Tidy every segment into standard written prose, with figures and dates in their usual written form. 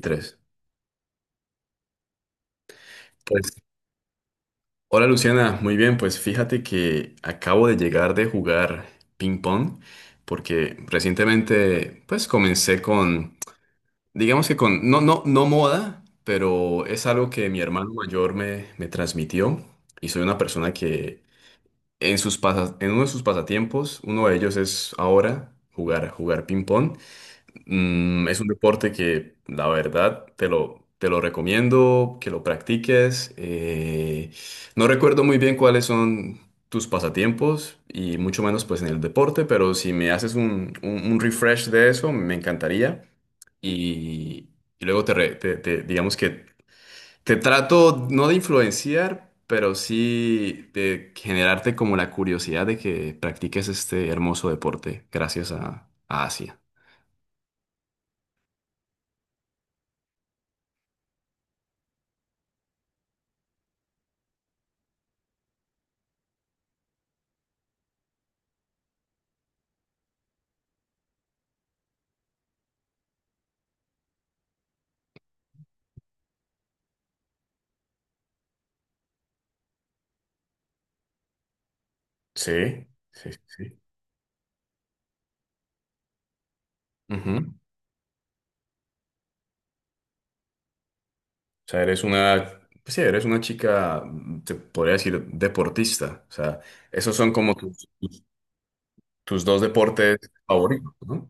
Tres. Pues, hola Luciana, muy bien, pues fíjate que acabo de llegar de jugar ping pong porque recientemente pues comencé con, digamos que con, no, no, no moda, pero es algo que mi hermano mayor me transmitió y soy una persona que en uno de sus pasatiempos, uno de ellos es ahora jugar ping pong. Es un deporte que, la verdad, te lo recomiendo, que lo practiques. No recuerdo muy bien cuáles son tus pasatiempos y mucho menos pues en el deporte, pero si me haces un refresh de eso, me encantaría. Y, y luego te, re- te- te- digamos que te trato no de influenciar, pero sí de generarte como la curiosidad de que practiques este hermoso deporte gracias a Asia. Sí, sí, sí. Ujú. O sea, eres una, pues sí, eres una chica, te podría decir, deportista. O sea, esos son como tus dos deportes favoritos, ¿no?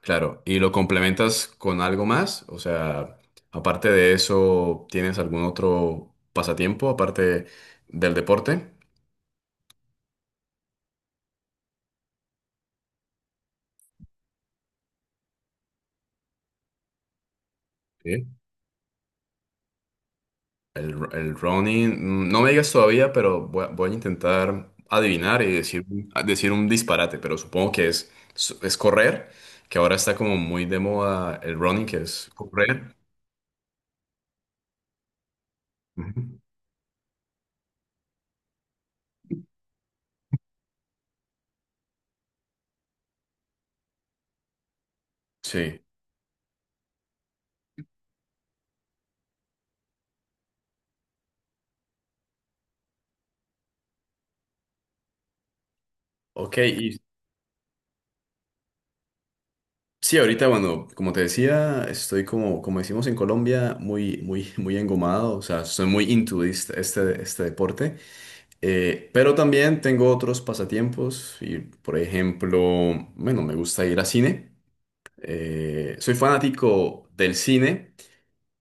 Claro, y lo complementas con algo más. O sea, aparte de eso, ¿tienes algún otro pasatiempo aparte del deporte? Sí. El, el Ronnie, no me digas todavía, pero voy a intentar adivinar y decir, a decir un disparate, pero supongo que es correr, que ahora está como muy de moda el running, que es correr. Ujú. Sí, ok, y sí, ahorita, bueno, como te decía, estoy como decimos en Colombia, muy, muy, muy engomado, o sea, soy muy into este, este deporte. Pero también tengo otros pasatiempos y, por ejemplo, bueno, me gusta ir a cine. Soy fanático del cine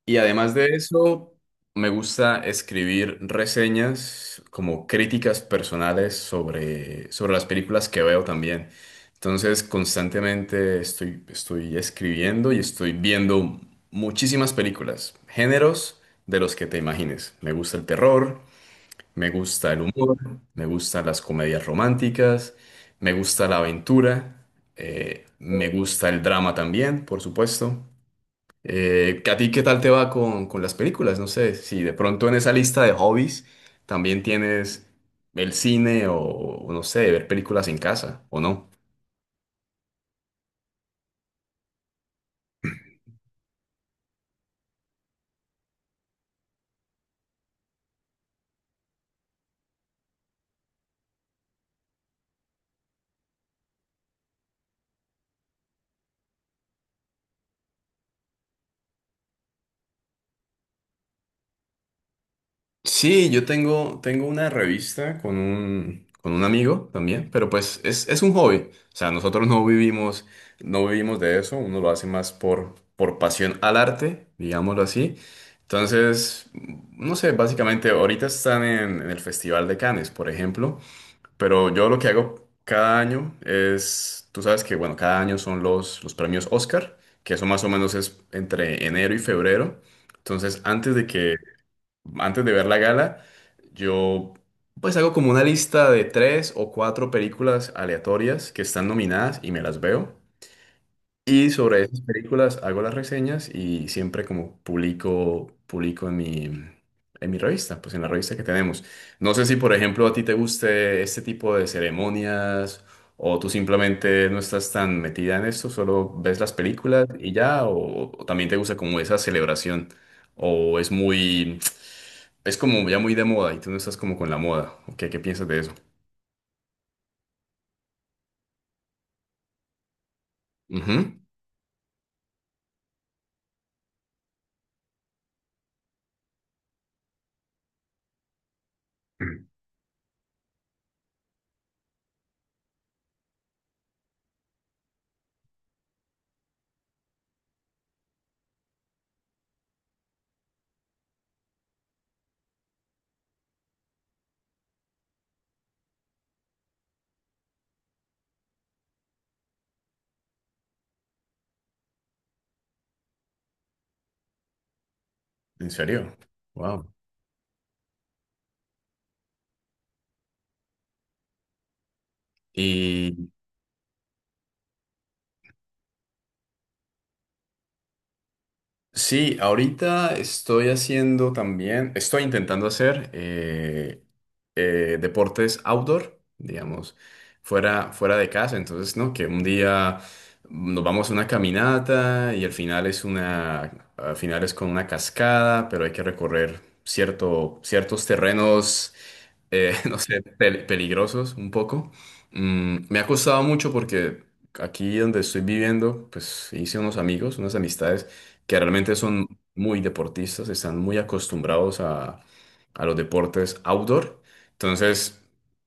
y además de eso me gusta escribir reseñas como críticas personales sobre las películas que veo también. Entonces constantemente estoy escribiendo y estoy viendo muchísimas películas, géneros de los que te imagines. Me gusta el terror, me gusta el humor, me gustan las comedias románticas, me gusta la aventura, me gusta el drama también, por supuesto. ¿A ti qué tal te va con las películas? No sé, si de pronto en esa lista de hobbies también tienes el cine o no sé, ver películas en casa o no. Sí, yo tengo una revista con un amigo también, pero pues es un hobby. O sea, nosotros no vivimos de eso, uno lo hace más por pasión al arte, digámoslo así. Entonces, no sé, básicamente ahorita están en el Festival de Cannes, por ejemplo, pero yo lo que hago cada año es, tú sabes que, bueno, cada año son los premios Oscar, que eso más o menos es entre enero y febrero. Entonces, antes de ver la gala, yo pues hago como una lista de tres o cuatro películas aleatorias que están nominadas y me las veo. Y sobre esas películas hago las reseñas y siempre como publico en mi revista, pues en la revista que tenemos. No sé si, por ejemplo, a ti te guste este tipo de ceremonias o tú simplemente no estás tan metida en esto, solo ves las películas y ya, o también te gusta como esa celebración, o es como ya muy de moda y tú no estás como con la moda. ¿Qué piensas de eso? Ujú. ¿En serio? Wow. Sí, ahorita estoy haciendo también, estoy intentando hacer deportes outdoor, digamos, fuera de casa. Entonces, ¿no? Que un día nos vamos a una caminata y al final es con una cascada, pero hay que recorrer ciertos terrenos no sé, peligrosos un poco. Me ha costado mucho porque aquí donde estoy viviendo, pues hice unos amigos, unas amistades que realmente son muy deportistas, están muy acostumbrados a los deportes outdoor. Entonces,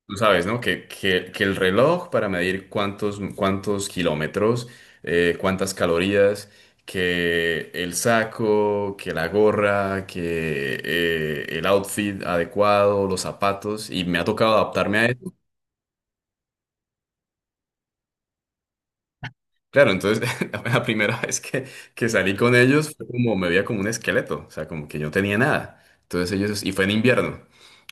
tú sabes, ¿no? Que el reloj para medir cuántos kilómetros, cuántas calorías que el saco, que la gorra, que el outfit adecuado, los zapatos, y me ha tocado adaptarme a eso. Claro, entonces la primera vez que salí con ellos fue como me veía como un esqueleto, o sea, como que yo no tenía nada. Entonces ellos, y fue en invierno.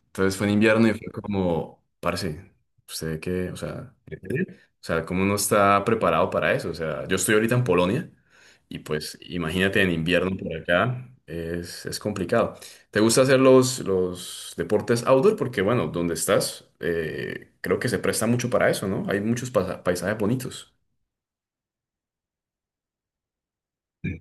Entonces fue en invierno y fue como, parce, ¿usted qué? O sea, ¿eh? O sea, ¿cómo no está preparado para eso? O sea, yo estoy ahorita en Polonia y pues imagínate en invierno por acá, es complicado. ¿Te gusta hacer los deportes outdoor? Porque bueno, donde estás, creo que se presta mucho para eso, ¿no? Hay muchos paisajes bonitos. Sí.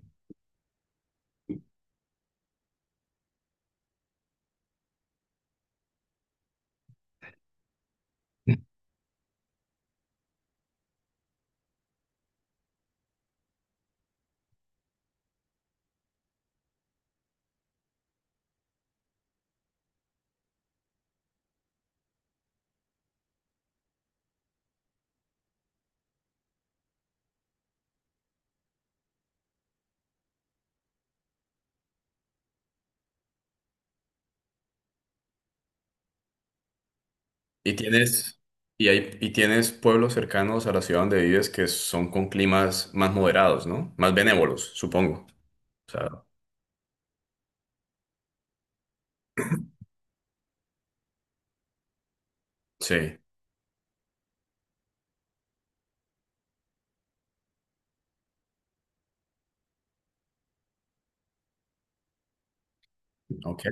Y tienes, y tienes pueblos cercanos a la ciudad donde vives que son con climas más moderados, ¿no? Más benévolos, supongo. Sí, ok,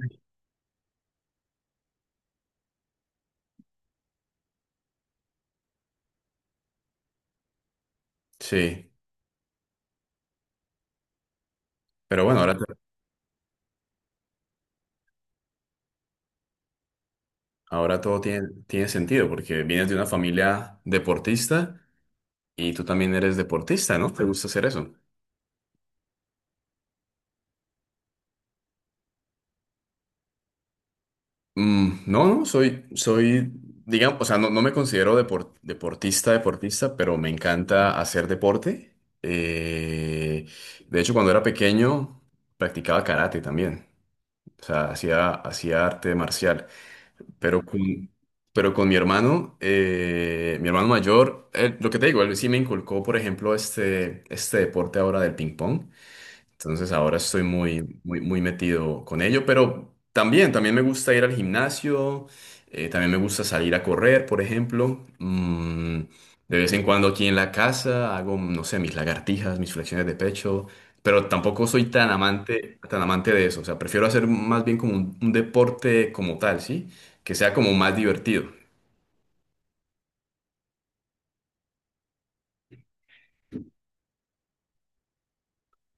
sí. Pero bueno, ahora todo tiene sentido porque vienes de una familia deportista y tú también eres deportista, ¿no? ¿Te gusta hacer eso? No, no, digamos, o sea, no, no me considero deportista, deportista, pero me encanta hacer deporte. Eh, de hecho, cuando era pequeño, practicaba karate también. O sea, hacía arte marcial. Pero con, pero con mi hermano mayor, él- lo que te digo, él sí me inculcó, por ejemplo, este deporte ahora del ping-pong. Entonces ahora estoy muy, muy, muy metido con ello, pero también me gusta ir al gimnasio, también me gusta salir a correr, por ejemplo. De vez en cuando aquí en la casa hago, no sé, mis lagartijas, mis flexiones de pecho, pero tampoco soy tan amante de eso. O sea, prefiero hacer más bien como un deporte como tal, ¿sí? Que sea como más divertido.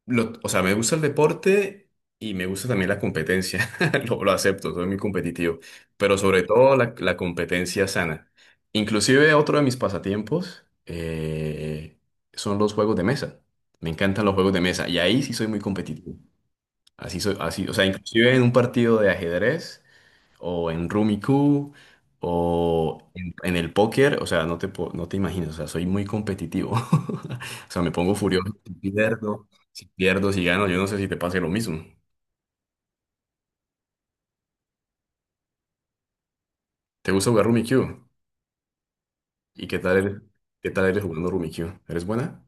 O sea, me gusta el deporte y me gusta también la competencia. Lo acepto, soy muy competitivo, pero sobre todo la competencia sana. Inclusive otro de mis pasatiempos son los juegos de mesa. Me encantan los juegos de mesa y ahí sí soy muy competitivo. Así soy, así, o sea, inclusive en un partido de ajedrez o en Rummy Cube, o en el póker, o sea, no te imaginas, o sea, soy muy competitivo. O sea, me pongo furioso si pierdo, si gano, yo no sé si te pase lo mismo. ¿Te gusta jugar Rummy Cube? ¿Y qué tal eres jugando Rummy Cube? ¿Eres buena?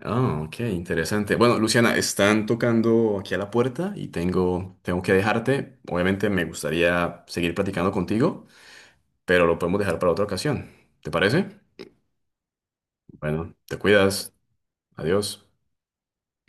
Ah, ok, interesante. Bueno, Luciana, están tocando aquí a la puerta y tengo que dejarte. Obviamente me gustaría seguir platicando contigo, pero lo podemos dejar para otra ocasión. ¿Te parece? Bueno, te cuidas. Adiós.